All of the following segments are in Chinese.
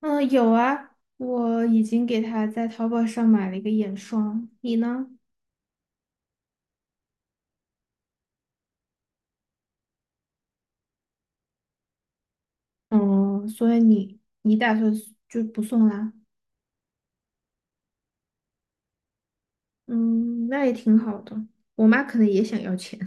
嗯，有啊，我已经给他在淘宝上买了一个眼霜，你呢？嗯，所以你打算就不送啦？嗯，那也挺好的。我妈可能也想要钱。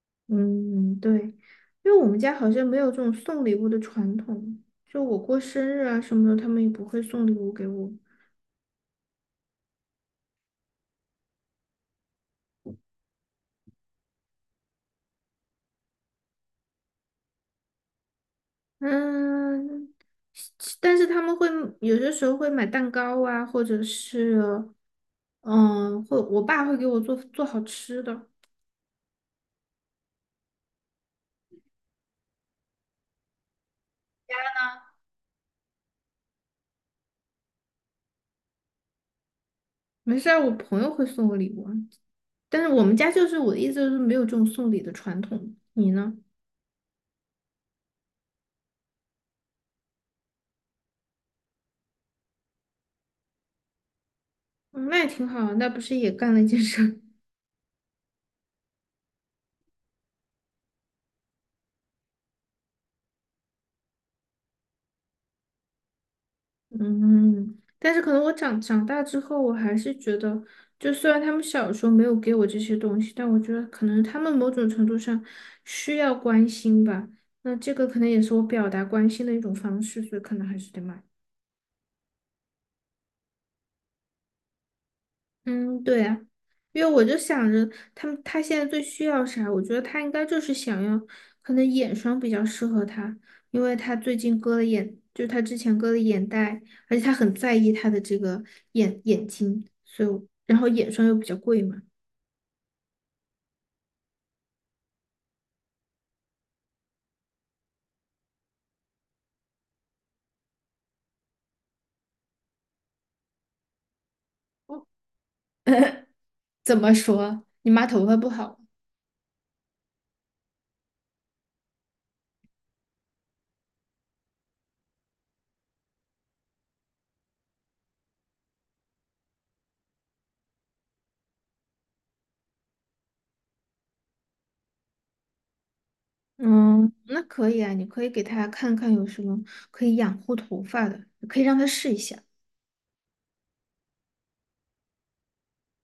嗯，对，因为我们家好像没有这种送礼物的传统，就我过生日啊什么的，他们也不会送礼物给我。嗯，其但是他们会有些时候会买蛋糕啊，或者是，嗯，会我爸会给我做好吃的。没事儿，我朋友会送我礼物啊，但是我们家就是我的意思就是没有这种送礼的传统。你呢？嗯，那也挺好啊，那不是也干了一件事儿？嗯，但是可能我长大之后，我还是觉得，就虽然他们小时候没有给我这些东西，但我觉得可能他们某种程度上需要关心吧。那这个可能也是我表达关心的一种方式，所以可能还是得买。嗯，对呀，因为我就想着他们，他现在最需要啥？我觉得他应该就是想要，可能眼霜比较适合他，因为他最近割了眼，就是他之前割了眼袋，而且他很在意他的这个眼睛，所以我然后眼霜又比较贵嘛。怎么说？你妈头发不好？嗯，那可以啊，你可以给她看看有什么可以养护头发的，可以让她试一下。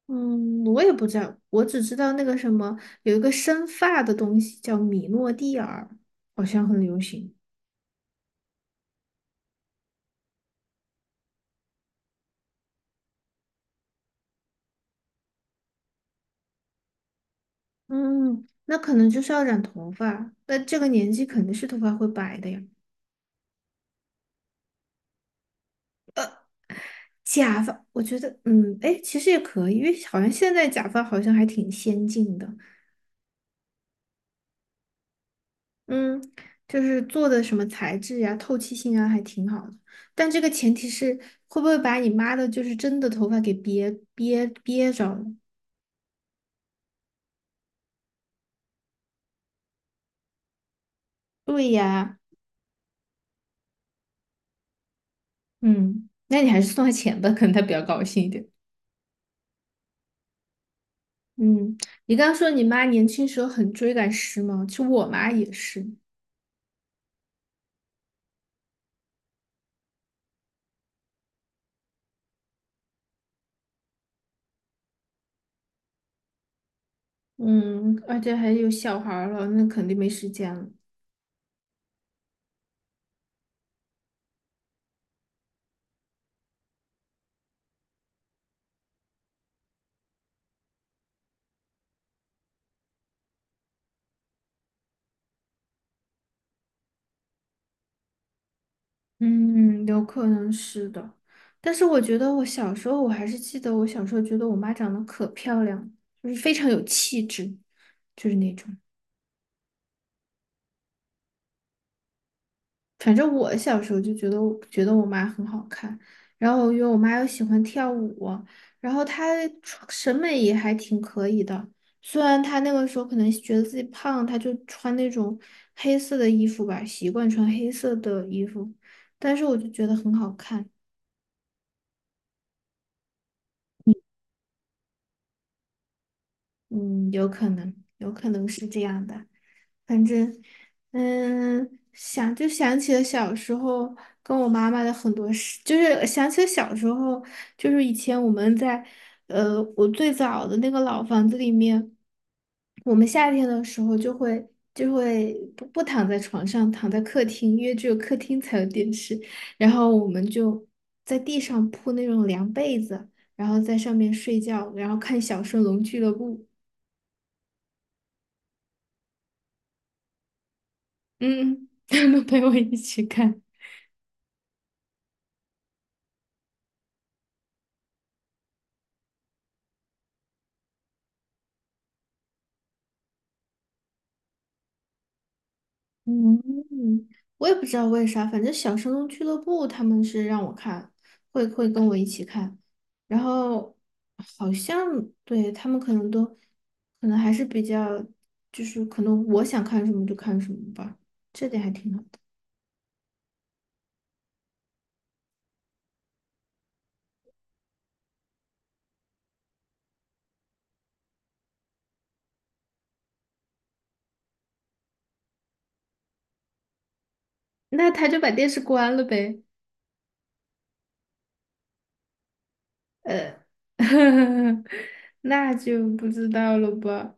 嗯，我也不知道，我只知道那个什么，有一个生发的东西叫米诺地尔，好像很流行。嗯，那可能就是要染头发，那这个年纪肯定是头发会白的呀。假发，我觉得，嗯，哎，其实也可以，因为好像现在假发好像还挺先进的，嗯，就是做的什么材质呀、透气性啊，还挺好的。但这个前提是会不会把你妈的，就是真的头发给憋着了？对呀。嗯，那你还是送他钱吧，可能他比较高兴一点。嗯，你刚刚说你妈年轻时候很追赶时髦，其实我妈也是。嗯，而且还有小孩儿了，那肯定没时间了。嗯，有可能是的。但是我觉得我小时候，我还是记得我小时候觉得我妈长得可漂亮，就是非常有气质，就是那种。反正我小时候就觉得我觉得我妈很好看，然后因为我妈又喜欢跳舞，然后她穿审美也还挺可以的。虽然她那个时候可能觉得自己胖，她就穿那种黑色的衣服吧，习惯穿黑色的衣服，但是我就觉得很好看。嗯，有可能，是这样的。反正，嗯，想就想起了小时候跟我妈妈的很多事，就是想起了小时候，就是以前我们在，我最早的那个老房子里面，我们夏天的时候就会不躺在床上，躺在客厅，因为只有客厅才有电视，然后我们就在地上铺那种凉被子，然后在上面睡觉，然后看《小神龙俱乐部》，嗯，他们陪我一起看。嗯，我也不知道为啥，反正小神龙俱乐部他们是让我看，会跟我一起看，然后好像对他们可能还是比较，就是可能我想看什么就看什么吧，这点还挺好的。那他就把电视关了呗，呃，那就不知道了吧。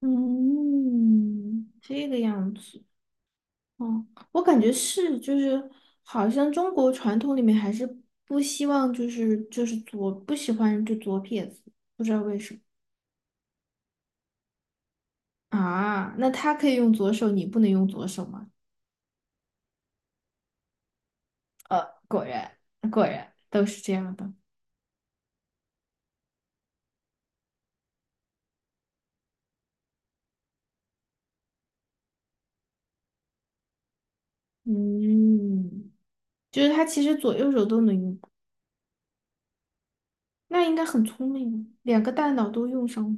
嗯，这个样子。哦，我感觉是，就是好像中国传统里面还是不希望，就是左不喜欢就左撇子不知道啊。那他可以用左手，你不能用左手吗？呃，果然果然都是这样的。嗯，就是他其实左右手都能用，那应该很聪明，两个大脑都用上了。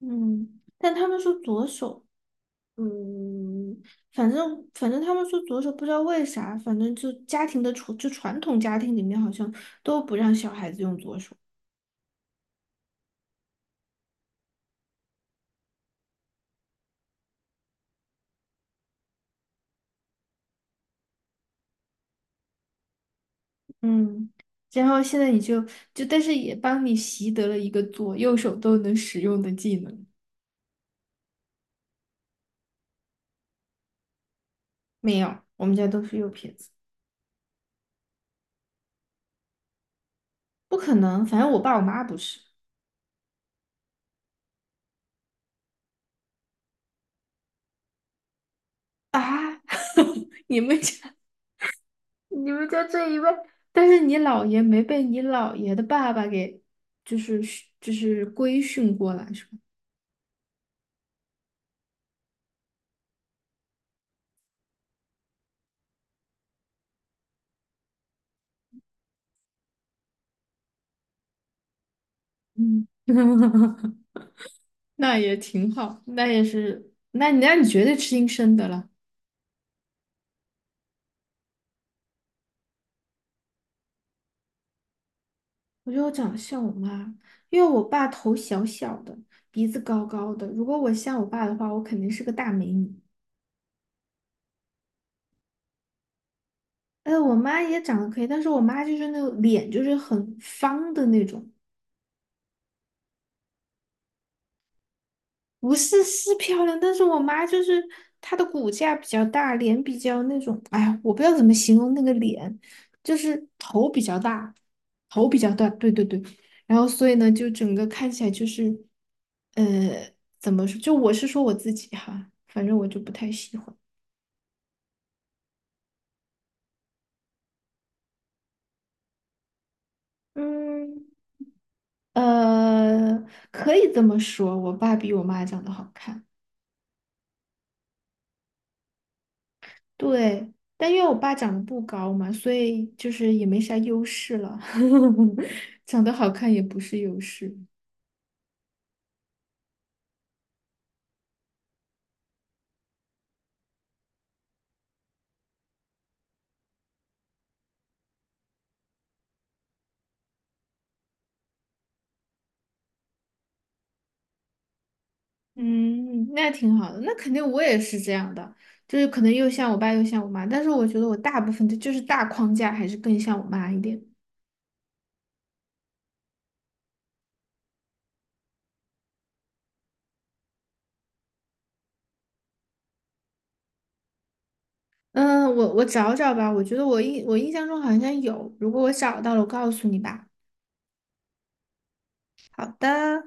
嗯，但他们说左手。嗯，反正他们说左手不知道为啥，反正就家庭的传就传统家庭里面好像都不让小孩子用左手。嗯，然后现在你就就但是也帮你习得了一个左右手都能使用的技能。没有，我们家都是右撇子，不可能，反正我爸我妈不是啊。你们家你们家这一位，但是你姥爷没被你姥爷的爸爸给就是就是规训过来是吧？嗯，那也挺好，那也是，那你绝对吃亲生的了。我觉得我长得像我妈，因为我爸头小小的，鼻子高高的。如果我像我爸的话，我肯定是个大美女。哎，我妈也长得可以，但是我妈就是那个脸就是很方的那种，不是是漂亮，但是我妈就是她的骨架比较大，脸比较那种，哎呀，我不知道怎么形容那个脸，就是头比较大，头比较大，对对对，然后所以呢，就整个看起来就是，呃，怎么说？就我是说我自己哈，反正我就不太喜欢。嗯，呃，可以这么说，我爸比我妈长得好看。对，但因为我爸长得不高嘛，所以就是也没啥优势了。长得好看也不是优势。嗯，那挺好的。那肯定我也是这样的，就是可能又像我爸又像我妈，但是我觉得我大部分的就是大框架还是更像我妈一点。嗯，我找找吧，我觉得我印象中好像有，如果我找到了，我告诉你吧。好的。